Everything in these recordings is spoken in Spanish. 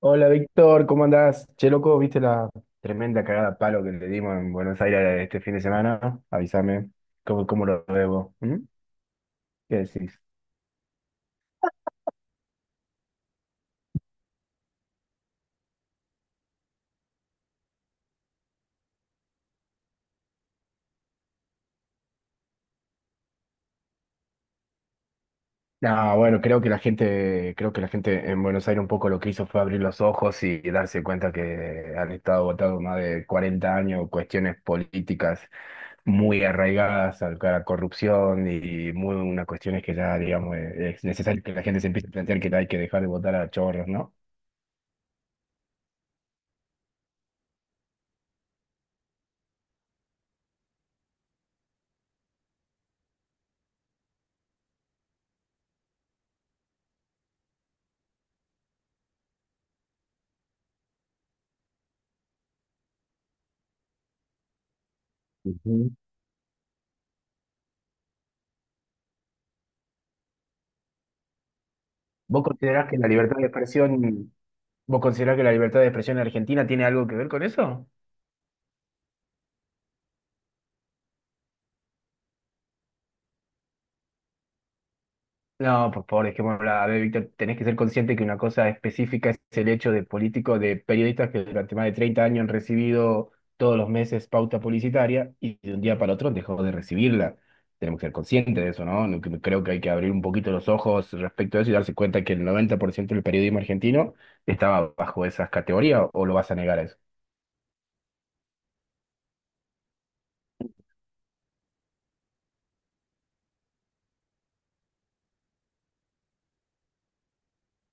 Hola Víctor, ¿cómo andás? Che, loco, ¿viste la tremenda cagada a palo que le dimos en Buenos Aires este fin de semana? Avísame, ¿Cómo lo debo? ¿Mm? ¿Qué decís? No, bueno, creo que la gente en Buenos Aires un poco lo que hizo fue abrir los ojos y darse cuenta que han estado votados más de 40 años cuestiones políticas muy arraigadas a la corrupción y muy unas cuestiones que ya, digamos, es necesario que la gente se empiece a plantear que hay que dejar de votar a chorros, ¿no? Ujú. ¿Vos considerás que la libertad de expresión, vos considerás que la libertad de expresión en Argentina tiene algo que ver con eso? No, por favor, dejémoslo. A ver, Víctor, tenés que ser consciente que una cosa específica es el hecho de políticos, de periodistas que durante más de 30 años han recibido todos los meses pauta publicitaria y de un día para otro dejó de recibirla. Tenemos que ser conscientes de eso, ¿no? Creo que hay que abrir un poquito los ojos respecto a eso y darse cuenta que el 90% del periodismo argentino estaba bajo esas categorías, ¿o lo vas a negar a eso?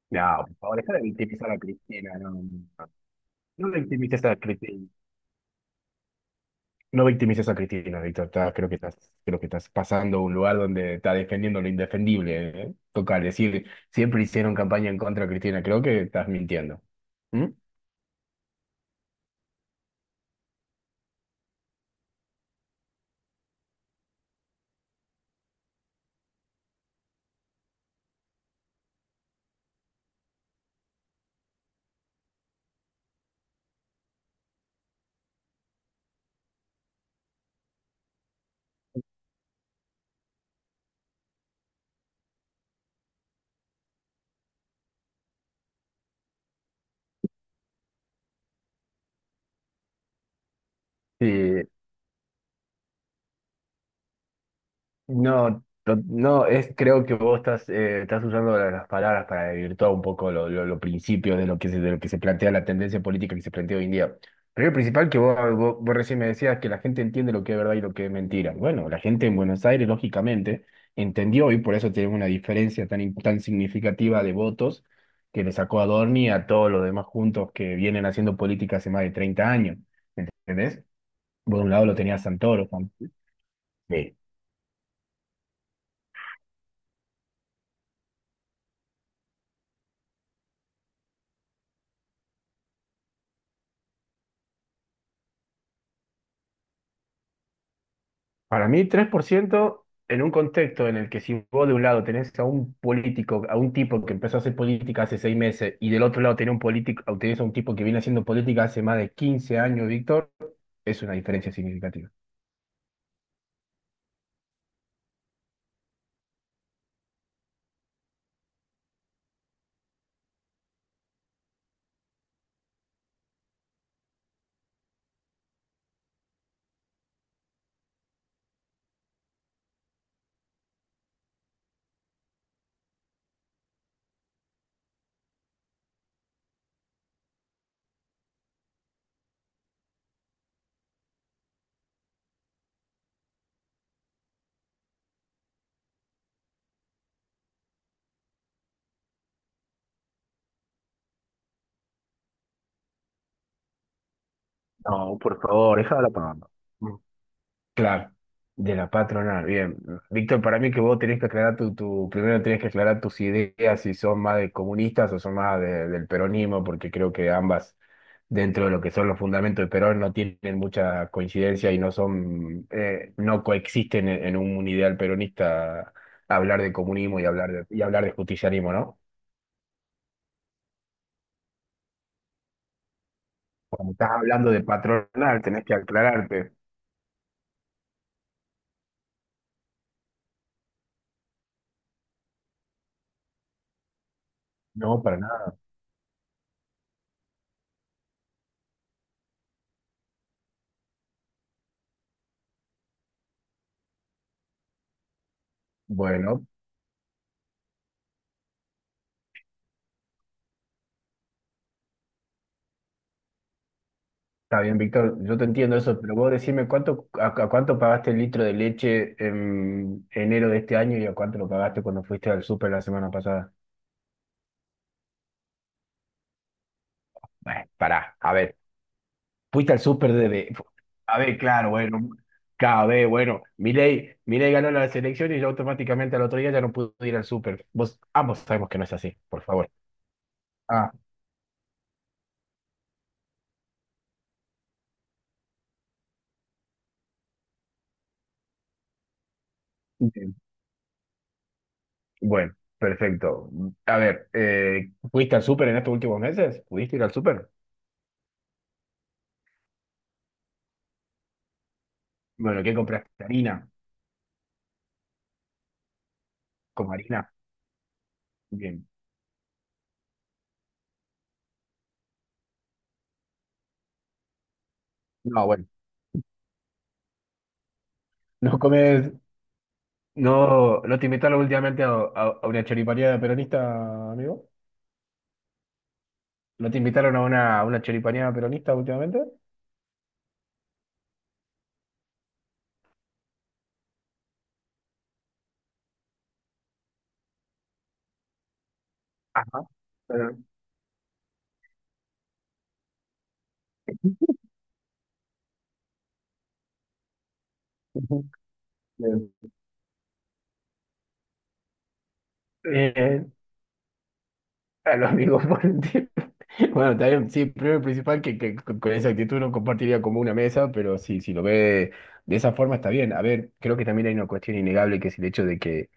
No, por favor, deja de victimizar a Cristina, no, no, no. No victimices a Cristina. No victimices a Cristina, Víctor. Creo que estás pasando a un lugar donde está defendiendo lo indefendible, ¿eh? Toca decir, siempre hicieron campaña en contra de Cristina. Creo que estás mintiendo. ¿Mm? Sí. No, to- no, es, creo que vos estás, estás usando las palabras para desvirtuar un poco los principios de de lo que se plantea la tendencia política que se plantea hoy en día. Primero y principal que vos recién me decías que la gente entiende lo que es verdad y lo que es mentira. Bueno, la gente en Buenos Aires, lógicamente, entendió y por eso tenemos una diferencia tan significativa de votos que le sacó a Dorni y a todos los demás juntos que vienen haciendo política hace más de 30 años. ¿Entendés? Por un lado lo tenía Santoro. Para mí, 3% en un contexto en el que si vos de un lado tenés a un político, a un tipo que empezó a hacer política hace 6 meses, y del otro lado tenés un político, tenés a un tipo que viene haciendo política hace más de 15 años, Víctor, es una diferencia significativa. No, por favor, déjala pagando. Claro, de la patronal, bien. Víctor, para mí que vos tenés que aclarar primero tenés que aclarar tus ideas si son más de comunistas o son más del peronismo, porque creo que ambas, dentro de lo que son los fundamentos de Perón, no tienen mucha coincidencia y no son, no coexisten en un ideal peronista hablar de comunismo y hablar de justicialismo, ¿no? Cuando estás hablando de patronal, tenés que aclararte. No, para nada. Bueno. Está bien, Víctor, yo te entiendo eso, pero vos decime a cuánto pagaste el litro de leche en enero de este año y a cuánto lo pagaste cuando fuiste al súper la semana pasada. Bueno, pará, a ver, fuiste al súper desde... A ver, claro, bueno, cada vez, bueno, Milei ganó las elecciones y yo automáticamente al otro día ya no pude ir al súper. Vos, ambos sabemos que no es así, por favor. Ah, bien. Bueno, perfecto. A ver, ¿fuiste al súper en estos últimos meses? ¿Pudiste ir al súper? Bueno, ¿qué compraste? ¿Harina? ¿Con harina? Bien. No, bueno. No comes. No, no te invitaron últimamente a una choripaneada peronista, amigo. ¿No te invitaron a una choripaneada peronista últimamente? Ajá. Pero- Bien. Bien. A los amigos por el tiempo. Bueno, también, sí, primero y principal que con esa actitud no compartiría como una mesa, pero sí, si lo ve de esa forma está bien. A ver, creo que también hay una cuestión innegable que es el hecho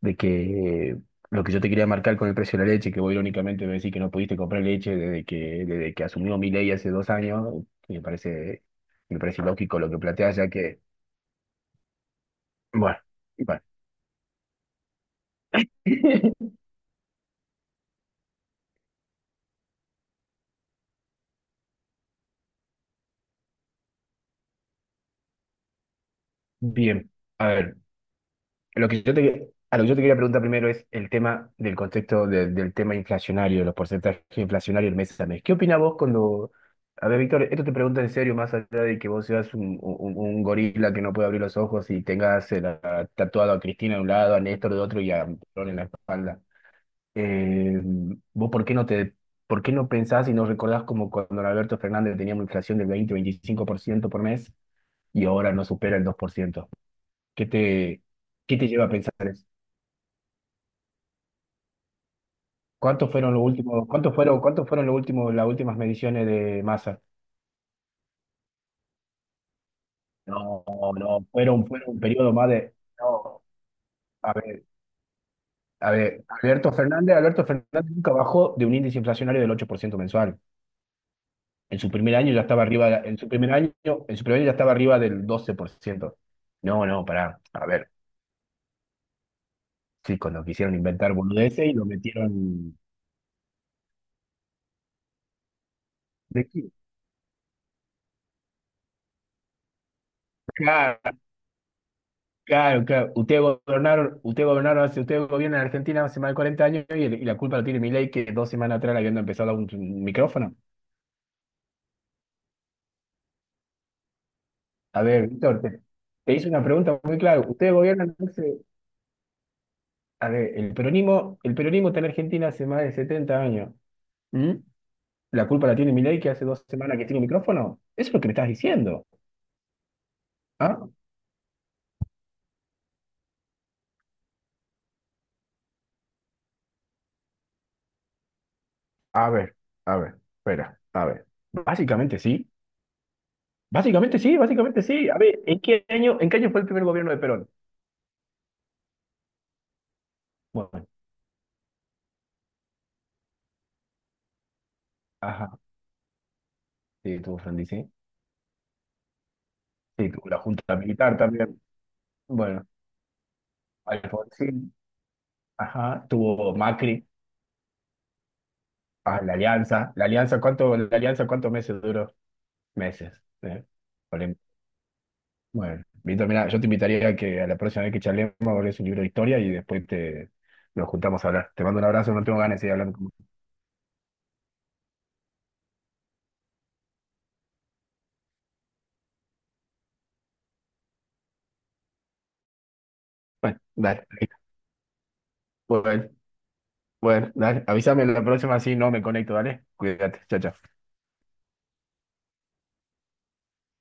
de que lo que yo te quería marcar con el precio de la leche, que vos irónicamente me decís que no pudiste comprar leche desde que asumió mi ley hace 2 años, me parece, me parece ilógico lo que planteas, ya que, bueno, bueno. Bien, a ver. Lo que yo te, a lo que yo te quería preguntar primero es el tema del contexto del tema inflacionario, los porcentajes inflacionarios del mes a mes. ¿Qué opinás vos cuando... A ver, Víctor, esto te pregunto en serio, más allá de que vos seas un gorila que no puede abrir los ojos y tengas tatuado a Cristina de un lado, a Néstor de otro y a Perón en la espalda. Eh, ¿Vos por qué por qué no pensás y no recordás como cuando Alberto Fernández teníamos inflación del 20-25% por ciento por mes y ahora no supera el 2%? ¿Qué te, ¿qué te lleva a pensar eso? ¿Cuántos fueron los últimos, las últimas mediciones de masa? No, no, fueron, fueron un periodo más de. No, a ver, a ver, Alberto Fernández nunca bajó de un índice inflacionario del 8% mensual. En su primer año ya estaba arriba, en su primer año, en su primer año ya estaba arriba del 12%. No, no, pará, a ver, sí, cuando quisieron inventar boludeces y lo metieron. ¿De qué? Claro, claro. Ustedes gobiernan en Argentina hace más de 40 años y la culpa la tiene Milei que dos semanas atrás le habían empezado a dar un micrófono. A ver, Víctor, te hice una pregunta muy clara. Ustedes gobiernan hace, a ver, el peronismo está en Argentina hace más de 70 años. ¿Mm? ¿La culpa la tiene Milei que hace dos semanas que tiene un micrófono? Eso es lo que me estás diciendo. ¿Ah? A ver, espera, a ver. Básicamente sí. A ver, ¿en qué año fue el primer gobierno de Perón? Bueno. Ajá. Sí, tuvo Sandy, sí. Sí, tuvo la Junta Militar también. Bueno, Alfonsín, ajá, tuvo Macri, ah, la Alianza. La Alianza, ¿cuántos meses duró? Meses. eh. Vale. Bueno, Víctor, mira, yo te invitaría a que a la próxima vez que charlemos lees un libro de historia y después te nos juntamos a hablar. Te mando un abrazo, no tengo ganas de seguir hablando con vos. Bueno, dale. Bueno, bueno, dale. Avísame la próxima si no me conecto, dale. Cuídate. Chao, chao.